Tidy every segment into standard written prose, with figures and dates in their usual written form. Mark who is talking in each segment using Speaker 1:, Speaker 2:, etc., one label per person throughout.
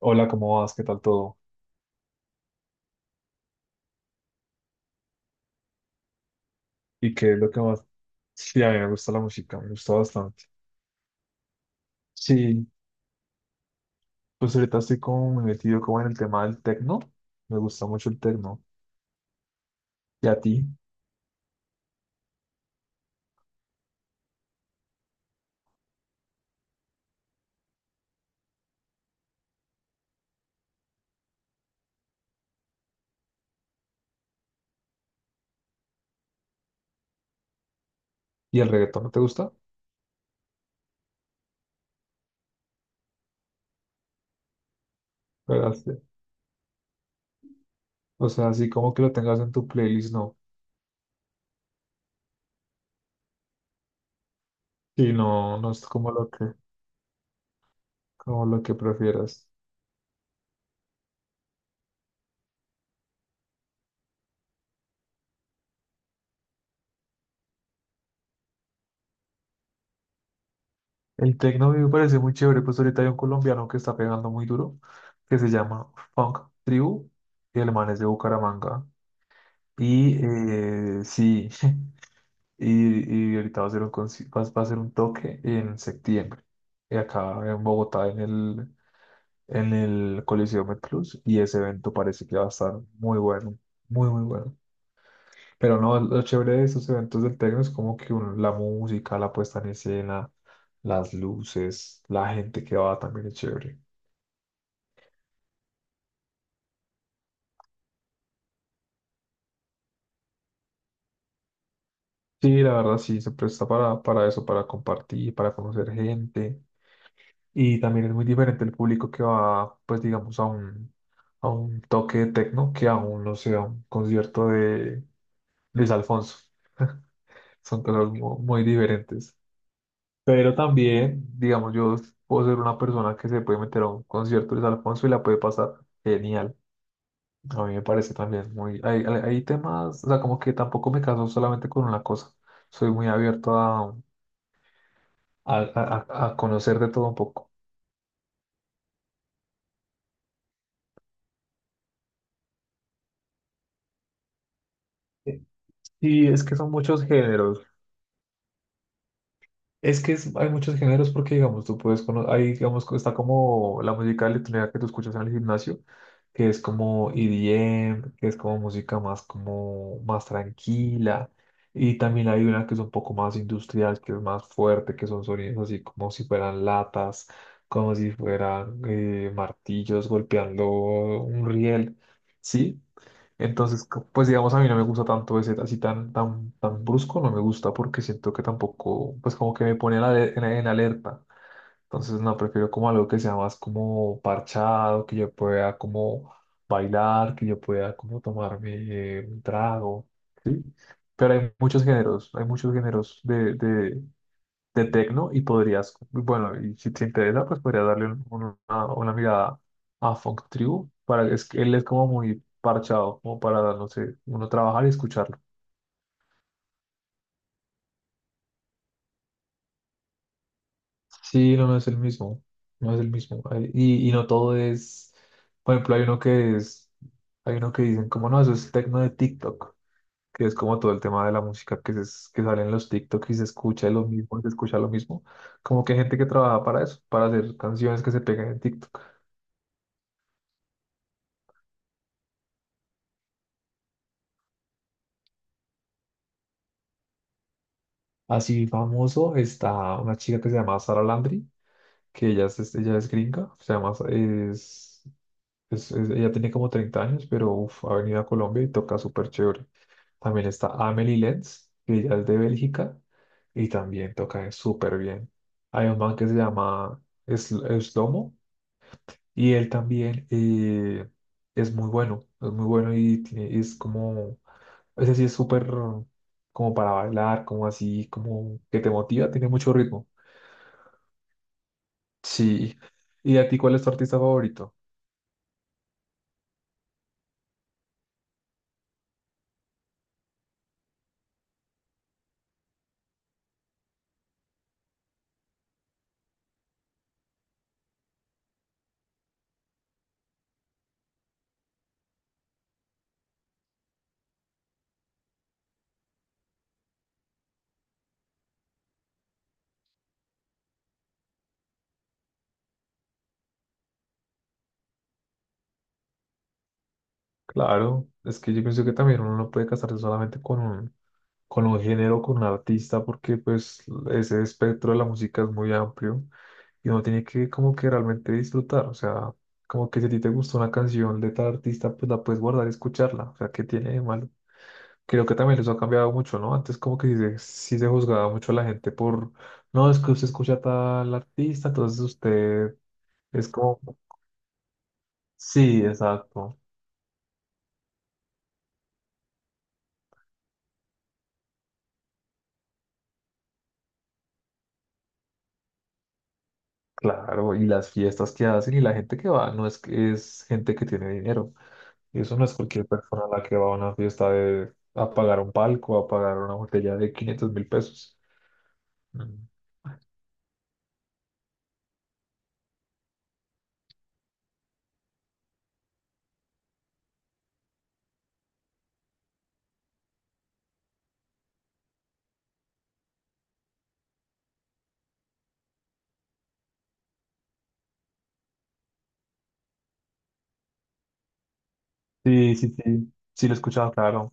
Speaker 1: Hola, ¿cómo vas? ¿Qué tal todo? ¿Y qué es lo que más? Sí, a mí me gusta la música, me gusta bastante. Sí, pues ahorita estoy como muy metido como en el tema del tecno. Me gusta mucho el tecno. ¿Y a ti? ¿Y el reggaetón no te gusta? ¿Verdad? Sí. O sea, así como que lo tengas en tu playlist, no. Sí, no, no es como lo que prefieras. El tecno a mí me parece muy chévere, pues ahorita hay un colombiano que está pegando muy duro, que se llama Funk Tribu, y el man es de Bucaramanga. Y sí. Y ahorita va a ser un, va a ser un toque en septiembre, acá en Bogotá, en el Coliseo Plus. Y ese evento parece que va a estar muy bueno, muy, muy bueno. Pero no, lo chévere de esos eventos del techno es como que la música, la puesta en escena, las luces, la gente que va también es chévere. Sí, la verdad sí, se presta para eso, para compartir, para conocer gente. Y también es muy diferente el público que va, pues digamos, a un toque de tecno que a un, no sé, a un concierto de Luis Alfonso. Son cosas muy diferentes. Pero también, digamos, yo puedo ser una persona que se puede meter a un concierto de Luis Alfonso y la puede pasar genial. A mí me parece también muy... Hay, hay temas, o sea, como que tampoco me caso solamente con una cosa. Soy muy abierto a, conocer de todo un poco. Sí, es que son muchos géneros. Es que hay muchos géneros porque, digamos, tú puedes conocer, ahí, digamos, está como la música electrónica que tú escuchas en el gimnasio, que es como EDM, que es como música más, como, más tranquila. Y también hay una que es un poco más industrial, que es más fuerte, que son sonidos así como si fueran latas, como si fueran martillos golpeando un riel, ¿sí? Entonces, pues digamos, a mí no me gusta tanto ese así tan, tan, tan brusco, no me gusta porque siento que tampoco, pues como que me pone en, en alerta. Entonces, no, prefiero como algo que sea más como parchado, que yo pueda como bailar, que yo pueda como tomarme un trago, ¿sí? Pero hay muchos géneros de tecno y podrías, bueno, y si te interesa, pues podrías darle una mirada a Funk Tribu, para, es que él es como muy parchado, como para, no sé, uno trabajar y escucharlo. Sí, no, no es el mismo, no es el mismo. Ay, y no todo es, por ejemplo, hay uno que es, hay uno que dicen, como no, eso es tecno de TikTok, que es como todo el tema de la música que sale en los TikTok y se escucha lo mismo, se escucha lo mismo, como que hay gente que trabaja para eso, para hacer canciones que se pegan en TikTok. Así famoso está una chica que se llama Sara Landry, que ella es- ella es gringa, se llama, es- ella tiene como 30 años, pero uf, ha venido a Colombia y toca súper chévere. También está Amelie Lenz, que ella es de Bélgica y también toca súper bien. Hay un man que se llama Slomo y él también es muy bueno y es como ese sí es súper como para bailar, como así, como que te motiva, tiene mucho ritmo. Sí. ¿Y a ti cuál es tu artista favorito? Claro, es que yo pienso que también uno no puede casarse solamente con un género, con un artista, porque pues ese espectro de la música es muy amplio y uno tiene que como que realmente disfrutar, o sea, como que si a ti te gustó una canción de tal artista, pues la puedes guardar y escucharla, o sea, ¿qué tiene de malo? Creo que también eso ha cambiado mucho, ¿no? Antes como que sí se juzgaba mucho a la gente por, no, es que usted escucha a tal artista, entonces usted es como, sí, exacto, claro, y las fiestas que hacen y la gente que va, no, es que es gente que tiene dinero. Y eso no es cualquier persona la que va a una fiesta de, a pagar un palco, a pagar una botella de 500 mil pesos. Mm. Sí, sí, sí, sí lo he escuchado, claro.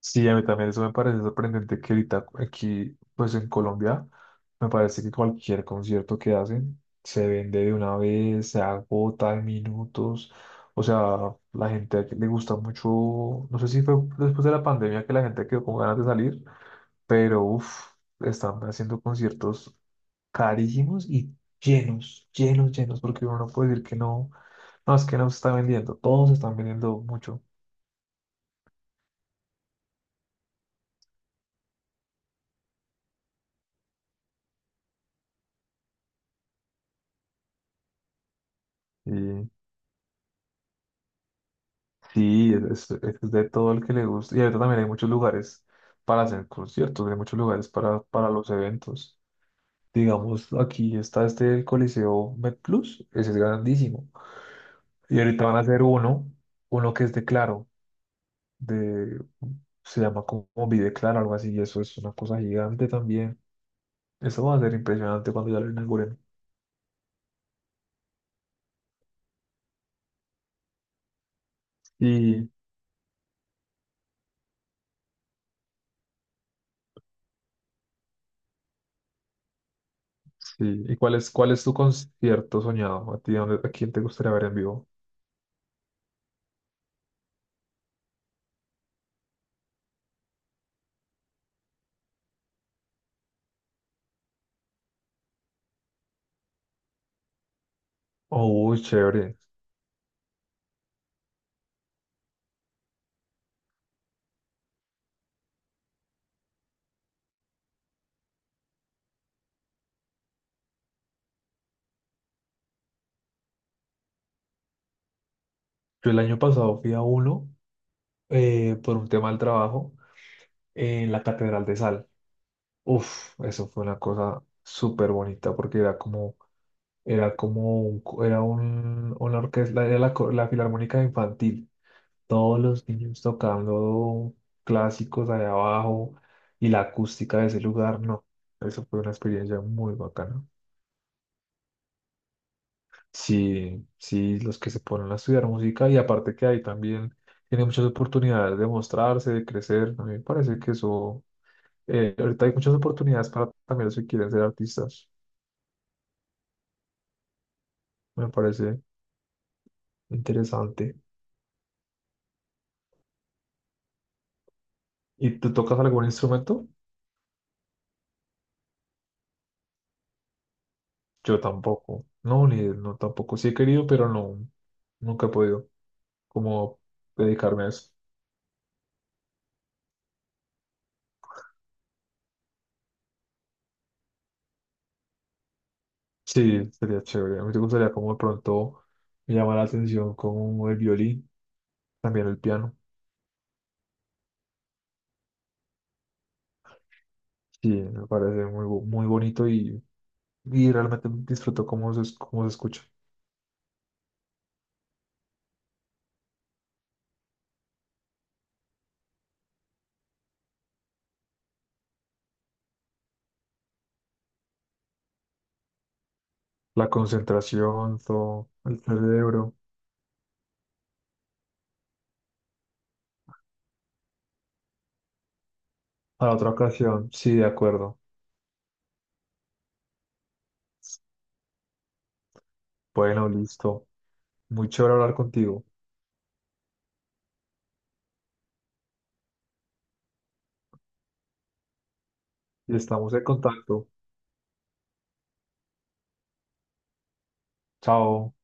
Speaker 1: Sí, a mí también eso me parece sorprendente que ahorita aquí, pues en Colombia, me parece que cualquier concierto que hacen se vende de una vez, se agota en minutos. O sea, la gente aquí le gusta mucho, no sé si fue después de la pandemia que la gente quedó con ganas de salir, pero uff, están haciendo conciertos carísimos y llenos, llenos, llenos, porque uno no puede decir que no, no, es que no se está vendiendo, todos se están vendiendo mucho. Sí, es de todo el que le gusta. Y ahorita también hay muchos lugares para hacer conciertos, hay muchos lugares para los eventos. Digamos, aquí está este el Coliseo MedPlus, ese es grandísimo. Y ahorita van a hacer uno, uno que es de Claro, de, se llama como Vive Claro, algo así, y eso es una cosa gigante también. Eso va a ser impresionante cuando ya lo inauguren. Y, sí, ¿y cuál es tu concierto soñado? ¿A ti, a quién te gustaría ver en vivo? Oh, uy, chévere. Yo el año pasado fui a uno por un tema del trabajo en la Catedral de Sal. Uf, eso fue una cosa súper bonita porque era como, un co- era un, una orquesta, era la Filarmónica Infantil. Todos los niños tocando clásicos allá abajo y la acústica de ese lugar, no. Eso fue una experiencia muy bacana. Sí, sí, los que se ponen a estudiar música y aparte que ahí también tiene muchas oportunidades de mostrarse, de crecer. A mí me parece que eso. Ahorita hay muchas oportunidades para también los que quieren ser artistas. Me parece interesante. ¿Y tú tocas algún instrumento? Yo tampoco. No, ni tampoco. Sí he querido, pero no, nunca he podido como dedicarme a eso. Sí, sería chévere. A mí me gustaría como de pronto me llama la atención como el violín, también el piano. Sí, me parece muy, muy bonito y realmente disfruto cómo se, cómo se escucha. La concentración, todo, el cerebro. Para otra ocasión, sí, de acuerdo. Bueno, listo. Muy chévere hablar contigo. Y estamos en contacto. Chao.